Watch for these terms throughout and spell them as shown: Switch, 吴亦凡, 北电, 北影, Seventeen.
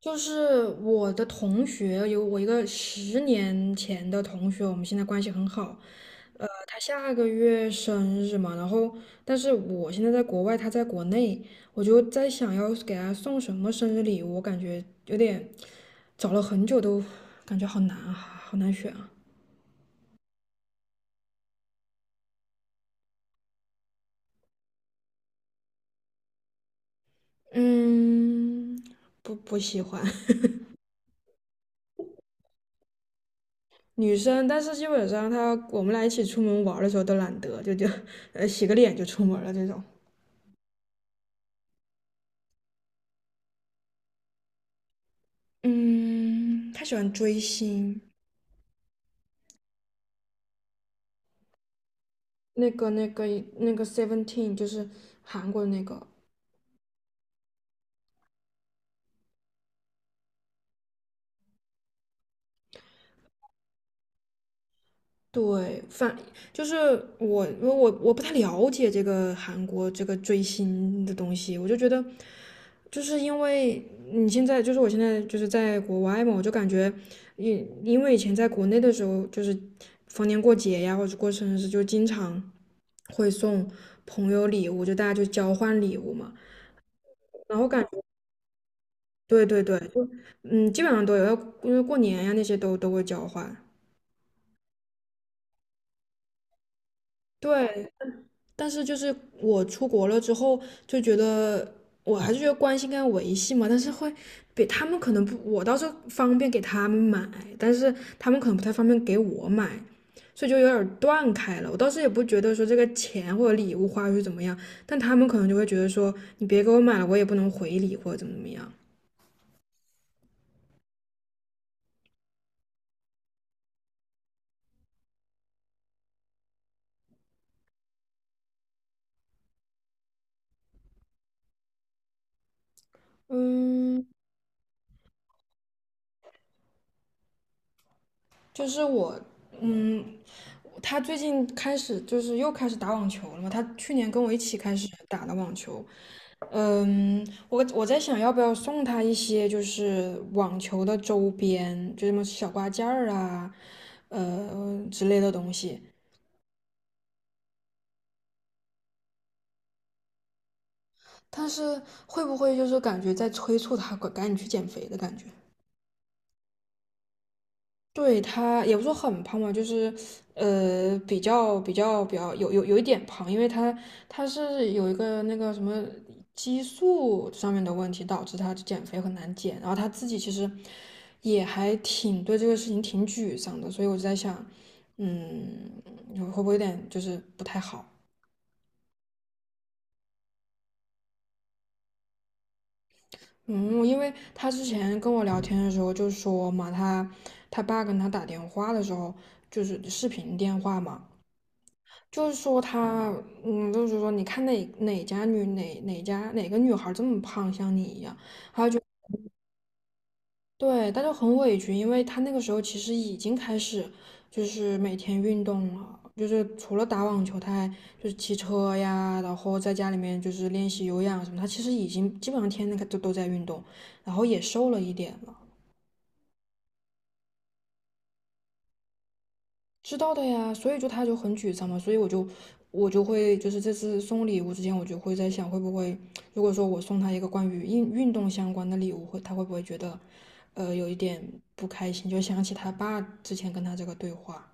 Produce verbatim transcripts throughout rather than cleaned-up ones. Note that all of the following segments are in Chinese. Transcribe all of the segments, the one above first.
就是我的同学，有我一个十年前的同学，我们现在关系很好。呃，他下个月生日嘛，然后但是我现在在国外，他在国内，我就在想要给他送什么生日礼物，我感觉有点，找了很久都感觉好难啊，好难选啊。嗯，不不喜欢。 女生，但是基本上她我们俩一起出门玩儿的时候都懒得，就就呃洗个脸就出门了这种。嗯，他喜欢追星，那个、那个、那个 Seventeen 就是韩国的那个。对，反就是我，因为我我不太了解这个韩国这个追星的东西，我就觉得，就是因为你现在就是我现在就是在国外嘛，我就感觉，因因为以前在国内的时候，就是逢年过节呀，或者过生日，就经常会送朋友礼物，就大家就交换礼物嘛，然后感觉，对对对。嗯，基本上都有，要因为过年呀、那些都都会交换。对，但是就是我出国了之后，就觉得我还是觉得关系应该维系嘛，但是会比他们可能不，我倒是方便给他们买，但是他们可能不太方便给我买，所以就有点儿断开了。我倒是也不觉得说这个钱或者礼物花出去怎么样，但他们可能就会觉得说你别给我买了，我也不能回礼或者怎么怎么样。嗯，就是我，嗯，他最近开始就是又开始打网球了嘛。他去年跟我一起开始打的网球，嗯，我我在想要不要送他一些就是网球的周边，就什么小挂件儿啊，呃之类的东西。但是会不会就是感觉在催促他赶赶紧去减肥的感觉？对他也不说很胖吧，就是呃比较比较比较有有有一点胖，因为他他是有一个那个什么激素上面的问题，导致他减肥很难减。然后他自己其实也还挺对这个事情挺沮丧的，所以我就在想，嗯，会不会有点就是不太好？嗯，因为他之前跟我聊天的时候就说嘛，他他爸跟他打电话的时候就是视频电话嘛。就是说他，嗯，就是说你看哪哪家女哪哪家哪个女孩这么胖，像你一样，对，他就很委屈，因为他那个时候其实已经开始就是每天运动了，就是除了打网球，他还就是骑车呀，然后在家里面就是练习有氧什么，他其实已经基本上天天都都在运动，然后也瘦了一点了。知道的呀，所以就他就很沮丧嘛，所以我就我就会就是这次送礼物之前，我就会在想会不会，如果说我送他一个关于运运动相关的礼物，会他会不会觉得，呃，有一点不开心，就想起他爸之前跟他这个对话。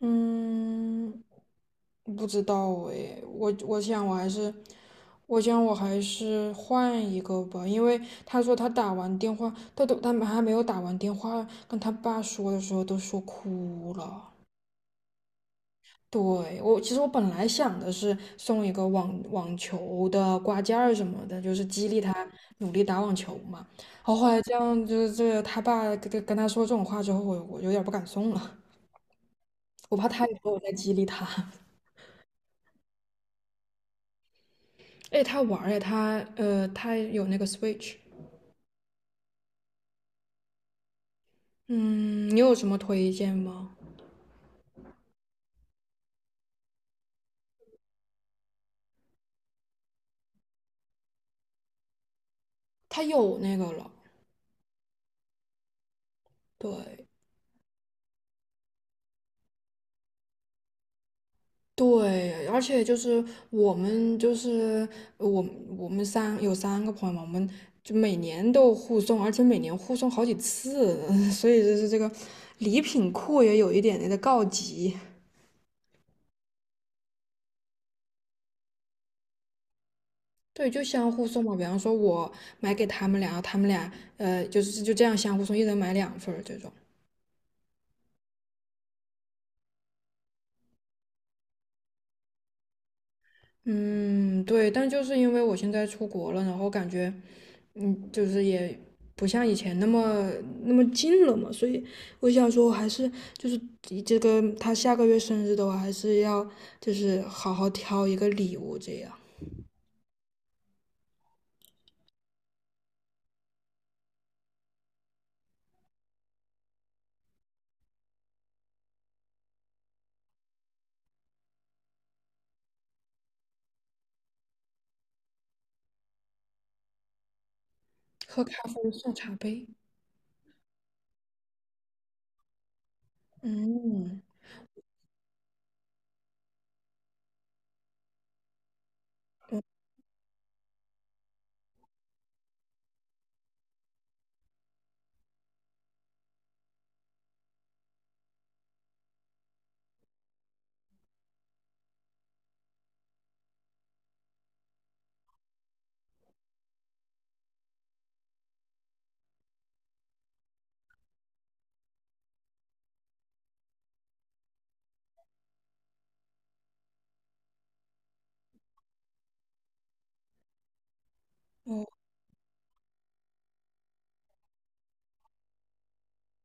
嗯，不知道诶，我我想我还是，我想我还是换一个吧，因为他说他打完电话，他都他还没有打完电话跟他爸说的时候都说哭了。对，我其实我本来想的是送一个网网球的挂件儿什么的，就是激励他努力打网球嘛。然后后来这样，就是这个他爸跟跟他说这种话之后，我我有点不敢送了，我怕他以后我再激励他。哎，他玩儿。哎，他呃，他有那个 Switch。嗯，你有什么推荐吗？他有那个了，对。对，而且就是我们就是我我们三有三个朋友嘛，我们就每年都互送，而且每年互送好几次，所以就是这个礼品库也有一点点的告急。对，就相互送嘛，比方说我买给他们俩，他们俩呃就是就这样相互送，一人买两份儿这种。嗯，对，但就是因为我现在出国了，然后感觉嗯，就是也不像以前那么那么近了嘛，所以我想说，我还是就是以这个他下个月生日的话，还是要就是好好挑一个礼物，这样。喝咖啡送茶杯。嗯，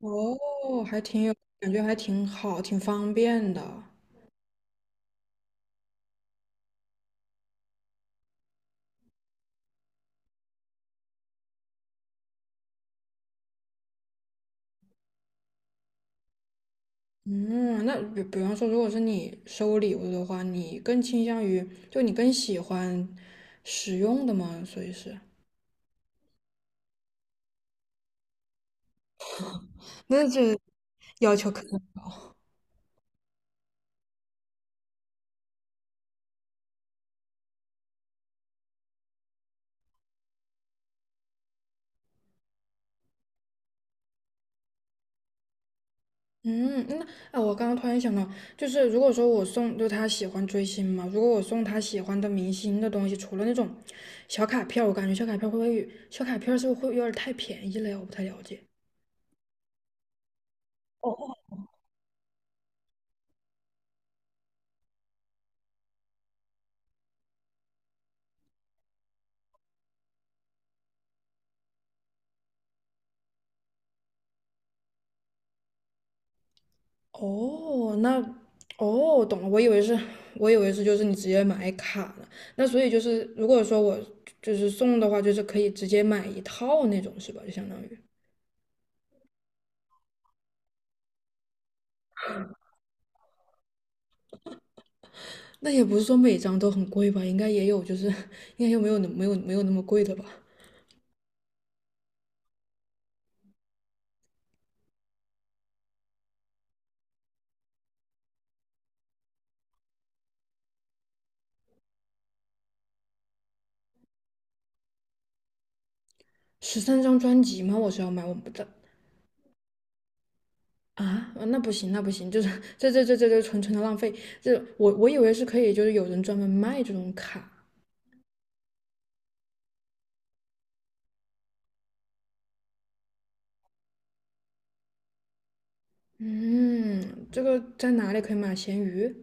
哦，还挺有感觉，还挺好，挺方便的。嗯，那比比方说，如果是你收礼物的话，你更倾向于就你更喜欢实用的吗？所以是，那这要求可。嗯，那啊，我刚刚突然想到，就是如果说我送，就他喜欢追星嘛，如果我送他喜欢的明星的东西，除了那种小卡片儿，我感觉小卡片儿会不会小卡片儿是不是会有点儿太便宜了呀？我不太了解。哦，那哦，懂了，我以为是，我以为是就是你直接买卡呢。那所以就是，如果说我就是送的话，就是可以直接买一套那种是吧？就相当于，那也不是说每张都很贵吧，应该也有就是，应该又没有那没有没有那么贵的吧。十三张专辑吗？我是要买，我不知道。啊，那不行，那不行，就是这这这这这纯纯的浪费。这我我以为是可以，就是有人专门卖这种卡。嗯，这个在哪里可以买？闲鱼？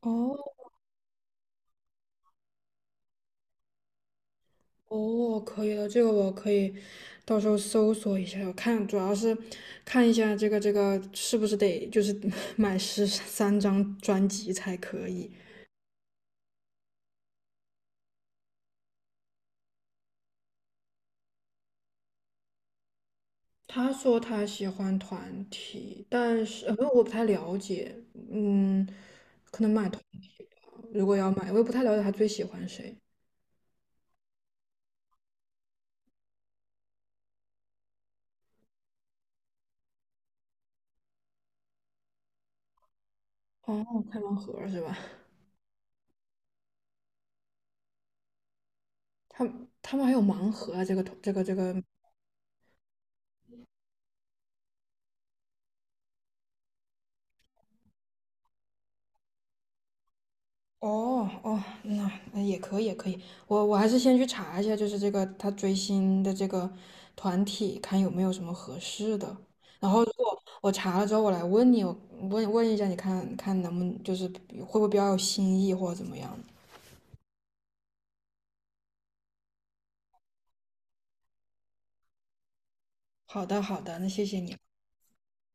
哦哦，可以的，这个我可以到时候搜索一下，我看主要是看一下这个这个是不是得就是 买十三张专辑才可以。他说他喜欢团体，但是呃，我不太了解，嗯，可能买团体吧。如果要买，我也不太了解他最喜欢谁。哦，开盲盒是吧？他他们还有盲盒啊，这个这个这个。哦哦，那那也可以也可以，我我还是先去查一下，就是这个他追星的这个团体，看有没有什么合适的。然后如果我查了之后，我来问你，我问问一下，你看看能不能就是会不会比较有新意或者怎么样？好的，好的，那谢谢你。